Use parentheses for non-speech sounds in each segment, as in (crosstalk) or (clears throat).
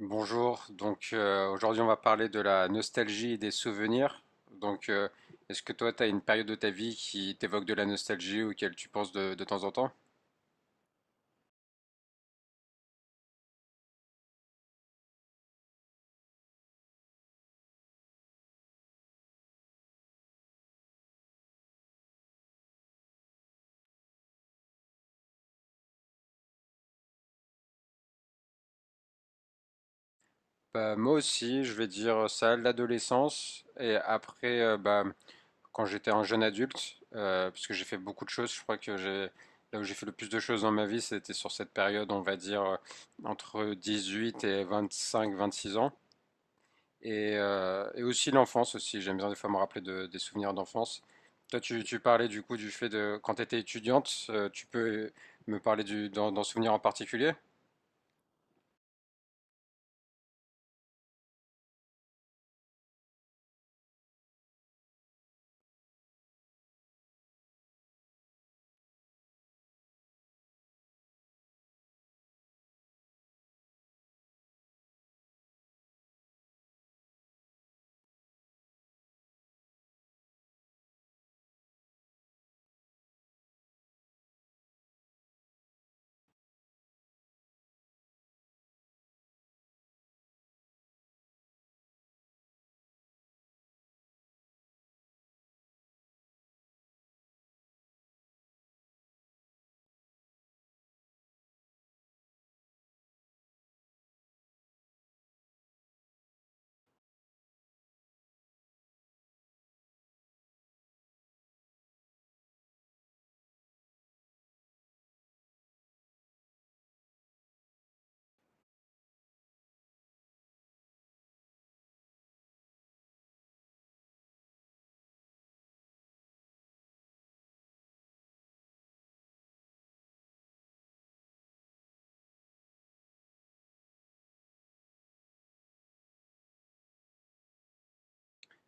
Bonjour, donc aujourd'hui on va parler de la nostalgie et des souvenirs. Donc, est-ce que toi tu as une période de ta vie qui t'évoque de la nostalgie auquel tu penses de temps en temps? Bah, moi aussi, je vais dire ça, l'adolescence et après bah, quand j'étais un jeune adulte, parce que j'ai fait beaucoup de choses, je crois que j'ai là où j'ai fait le plus de choses dans ma vie, c'était sur cette période, on va dire entre 18 et 25-26 ans. Et aussi l'enfance aussi. J'aime bien des fois me rappeler des souvenirs d'enfance. Toi, tu parlais du coup du fait de quand tu étais étudiante, tu peux me parler d'un souvenir en particulier?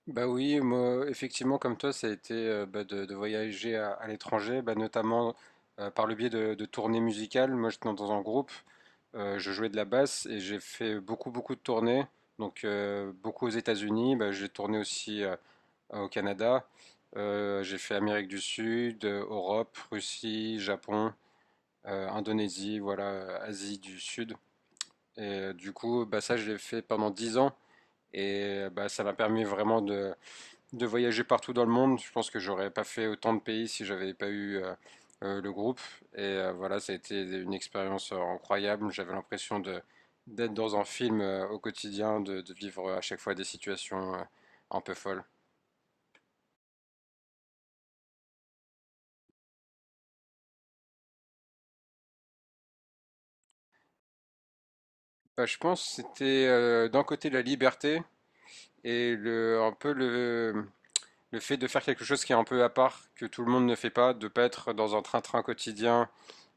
Bah oui, moi, effectivement, comme toi, ça a été bah, de voyager à l'étranger, bah, notamment par le biais de tournées musicales. Moi, j'étais dans un groupe, je jouais de la basse et j'ai fait beaucoup, beaucoup de tournées. Donc, beaucoup aux États-Unis. Bah, j'ai tourné aussi au Canada. J'ai fait Amérique du Sud, Europe, Russie, Japon, Indonésie, voilà, Asie du Sud. Et du coup, bah, ça, je l'ai fait pendant 10 ans. Et bah, ça m'a permis vraiment de voyager partout dans le monde. Je pense que j'aurais pas fait autant de pays si j'avais pas eu le groupe. Et voilà, ça a été une expérience incroyable. J'avais l'impression de d'être dans un film au quotidien, de vivre à chaque fois des situations un peu folles. Bah, je pense que c'était d'un côté la liberté et un peu le fait de faire quelque chose qui est un peu à part, que tout le monde ne fait pas, de pas être dans un train-train quotidien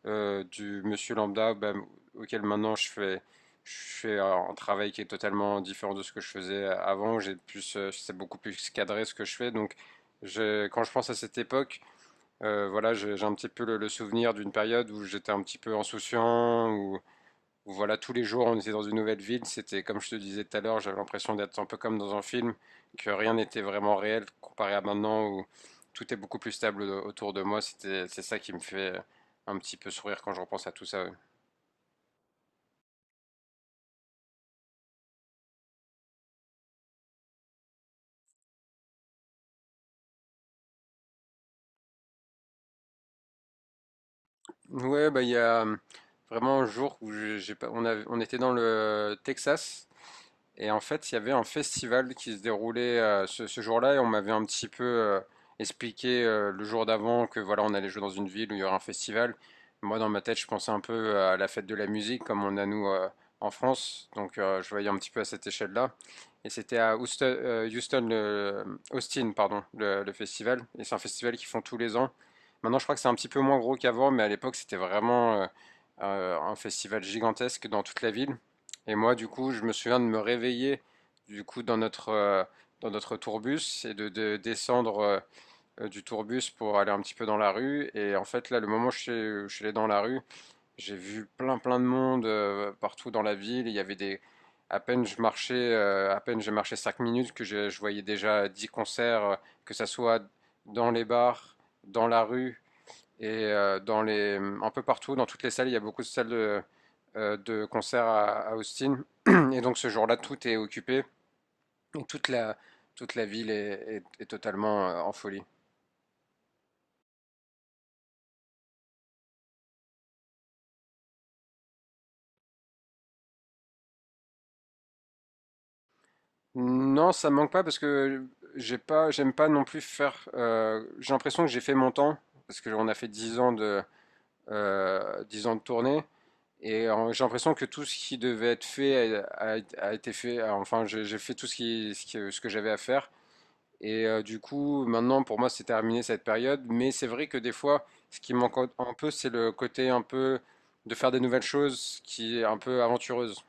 du monsieur lambda bah, auquel maintenant je fais un travail qui est totalement différent de ce que je faisais avant. J'ai plus, c'est beaucoup plus cadré ce que je fais. Donc quand je pense à cette époque, voilà, j'ai un petit peu le souvenir d'une période où j'étais un petit peu insouciant, voilà, tous les jours, on était dans une nouvelle ville. C'était, comme je te disais tout à l'heure, j'avais l'impression d'être un peu comme dans un film, que rien n'était vraiment réel comparé à maintenant où tout est beaucoup plus stable autour de moi. C'était, c'est ça qui me fait un petit peu sourire quand je repense à tout ça. Ouais, ouais, bah, il y a vraiment un jour où j'ai pas- on, a on était dans le Texas. Et en fait, il y avait un festival qui se déroulait ce jour-là et on m'avait un petit peu expliqué le jour d'avant que voilà, on allait jouer dans une ville où il y aurait un festival. Moi, dans ma tête, je pensais un peu à la fête de la musique comme on a nous en France. Donc, je voyais un petit peu à cette échelle-là. Et c'était à Austin, pardon, le festival. Et c'est un festival qu'ils font tous les ans. Maintenant, je crois que c'est un petit peu moins gros qu'avant, mais à l'époque, c'était vraiment un festival gigantesque dans toute la ville. Et moi, du coup, je me souviens de me réveiller, du coup, dans dans notre tourbus et de descendre du tourbus pour aller un petit peu dans la rue. Et en fait, là, le moment où je suis allé dans la rue, j'ai vu plein, plein de monde partout dans la ville. Il y avait des. À peine je marchais, à peine j'ai marché 5 minutes, que je voyais déjà 10 concerts, que ça soit dans les bars, dans la rue, et dans les, un peu partout, dans toutes les salles, il y a beaucoup de salles de concert à Austin. (clears throat) Et donc ce jour-là, tout est occupé. Et toute la ville est totalement en folie. Non, ça me manque pas parce que j'aime pas non plus faire. J'ai l'impression que j'ai fait mon temps parce qu'on a fait 10 ans de tournée et j'ai l'impression que tout ce qui devait être fait a été fait. Enfin, j'ai fait tout ce que ce que j'avais à faire. Et du coup, maintenant, pour moi, c'est terminé cette période. Mais c'est vrai que des fois, ce qui manque un peu, c'est le côté un peu de faire des nouvelles choses qui est un peu aventureuse.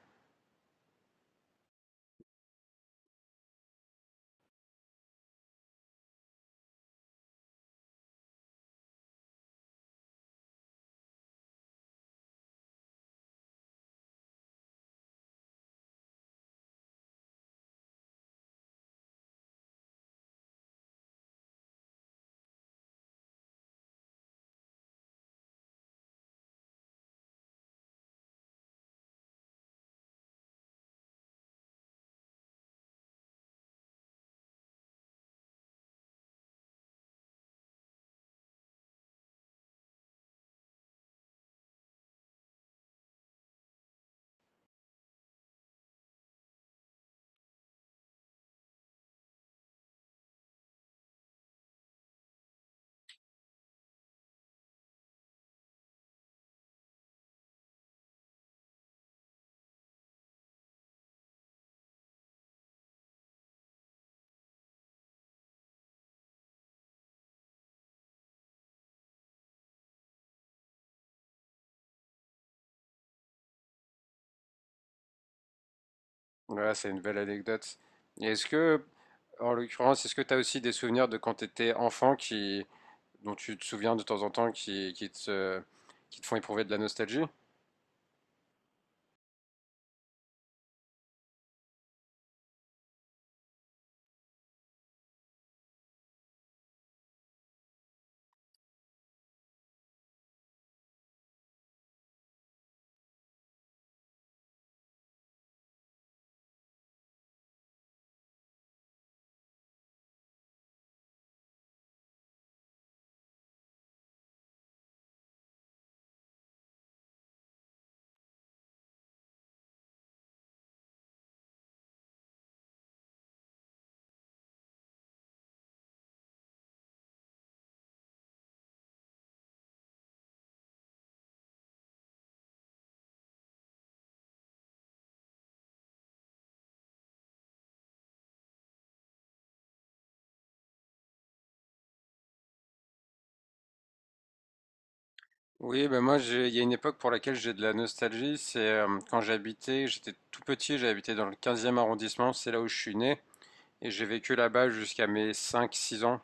Voilà, c'est une belle anecdote. Et est-ce que, en l'occurrence, est-ce que tu as aussi des souvenirs de quand tu étais enfant dont tu te souviens de temps en temps qui te font éprouver de la nostalgie? Oui, ben moi, il y a une époque pour laquelle j'ai de la nostalgie. C'est quand j'habitais, j'étais tout petit, j'habitais dans le 15e arrondissement, c'est là où je suis né. Et j'ai vécu là-bas jusqu'à mes 5 ou 6 ans.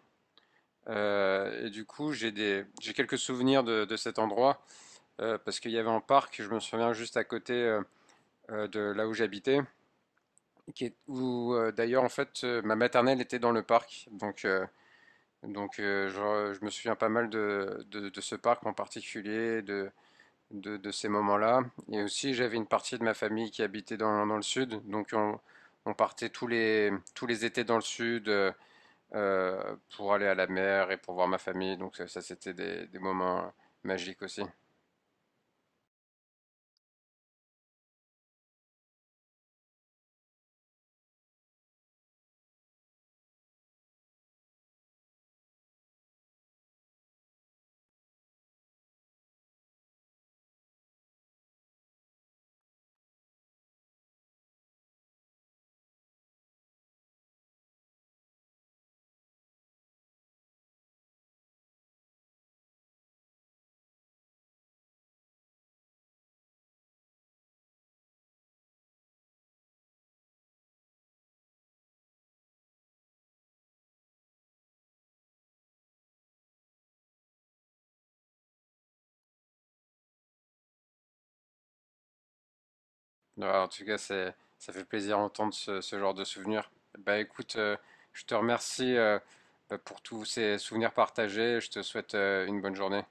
Et du coup, j'ai quelques souvenirs de cet endroit parce qu'il y avait un parc, je me souviens juste à côté de là où j'habitais, qui est où d'ailleurs en fait ma maternelle était dans le parc. Donc je me souviens pas mal de ce parc en particulier, de ces moments-là. Et aussi, j'avais une partie de ma famille qui habitait dans le sud, donc on partait tous les étés dans le sud pour aller à la mer et pour voir ma famille. Donc ça, c'était des moments magiques aussi. Alors, en tout cas, c'est, ça fait plaisir d'entendre ce genre de souvenirs. Bah écoute, je te remercie bah, pour tous ces souvenirs partagés. Je te souhaite une bonne journée.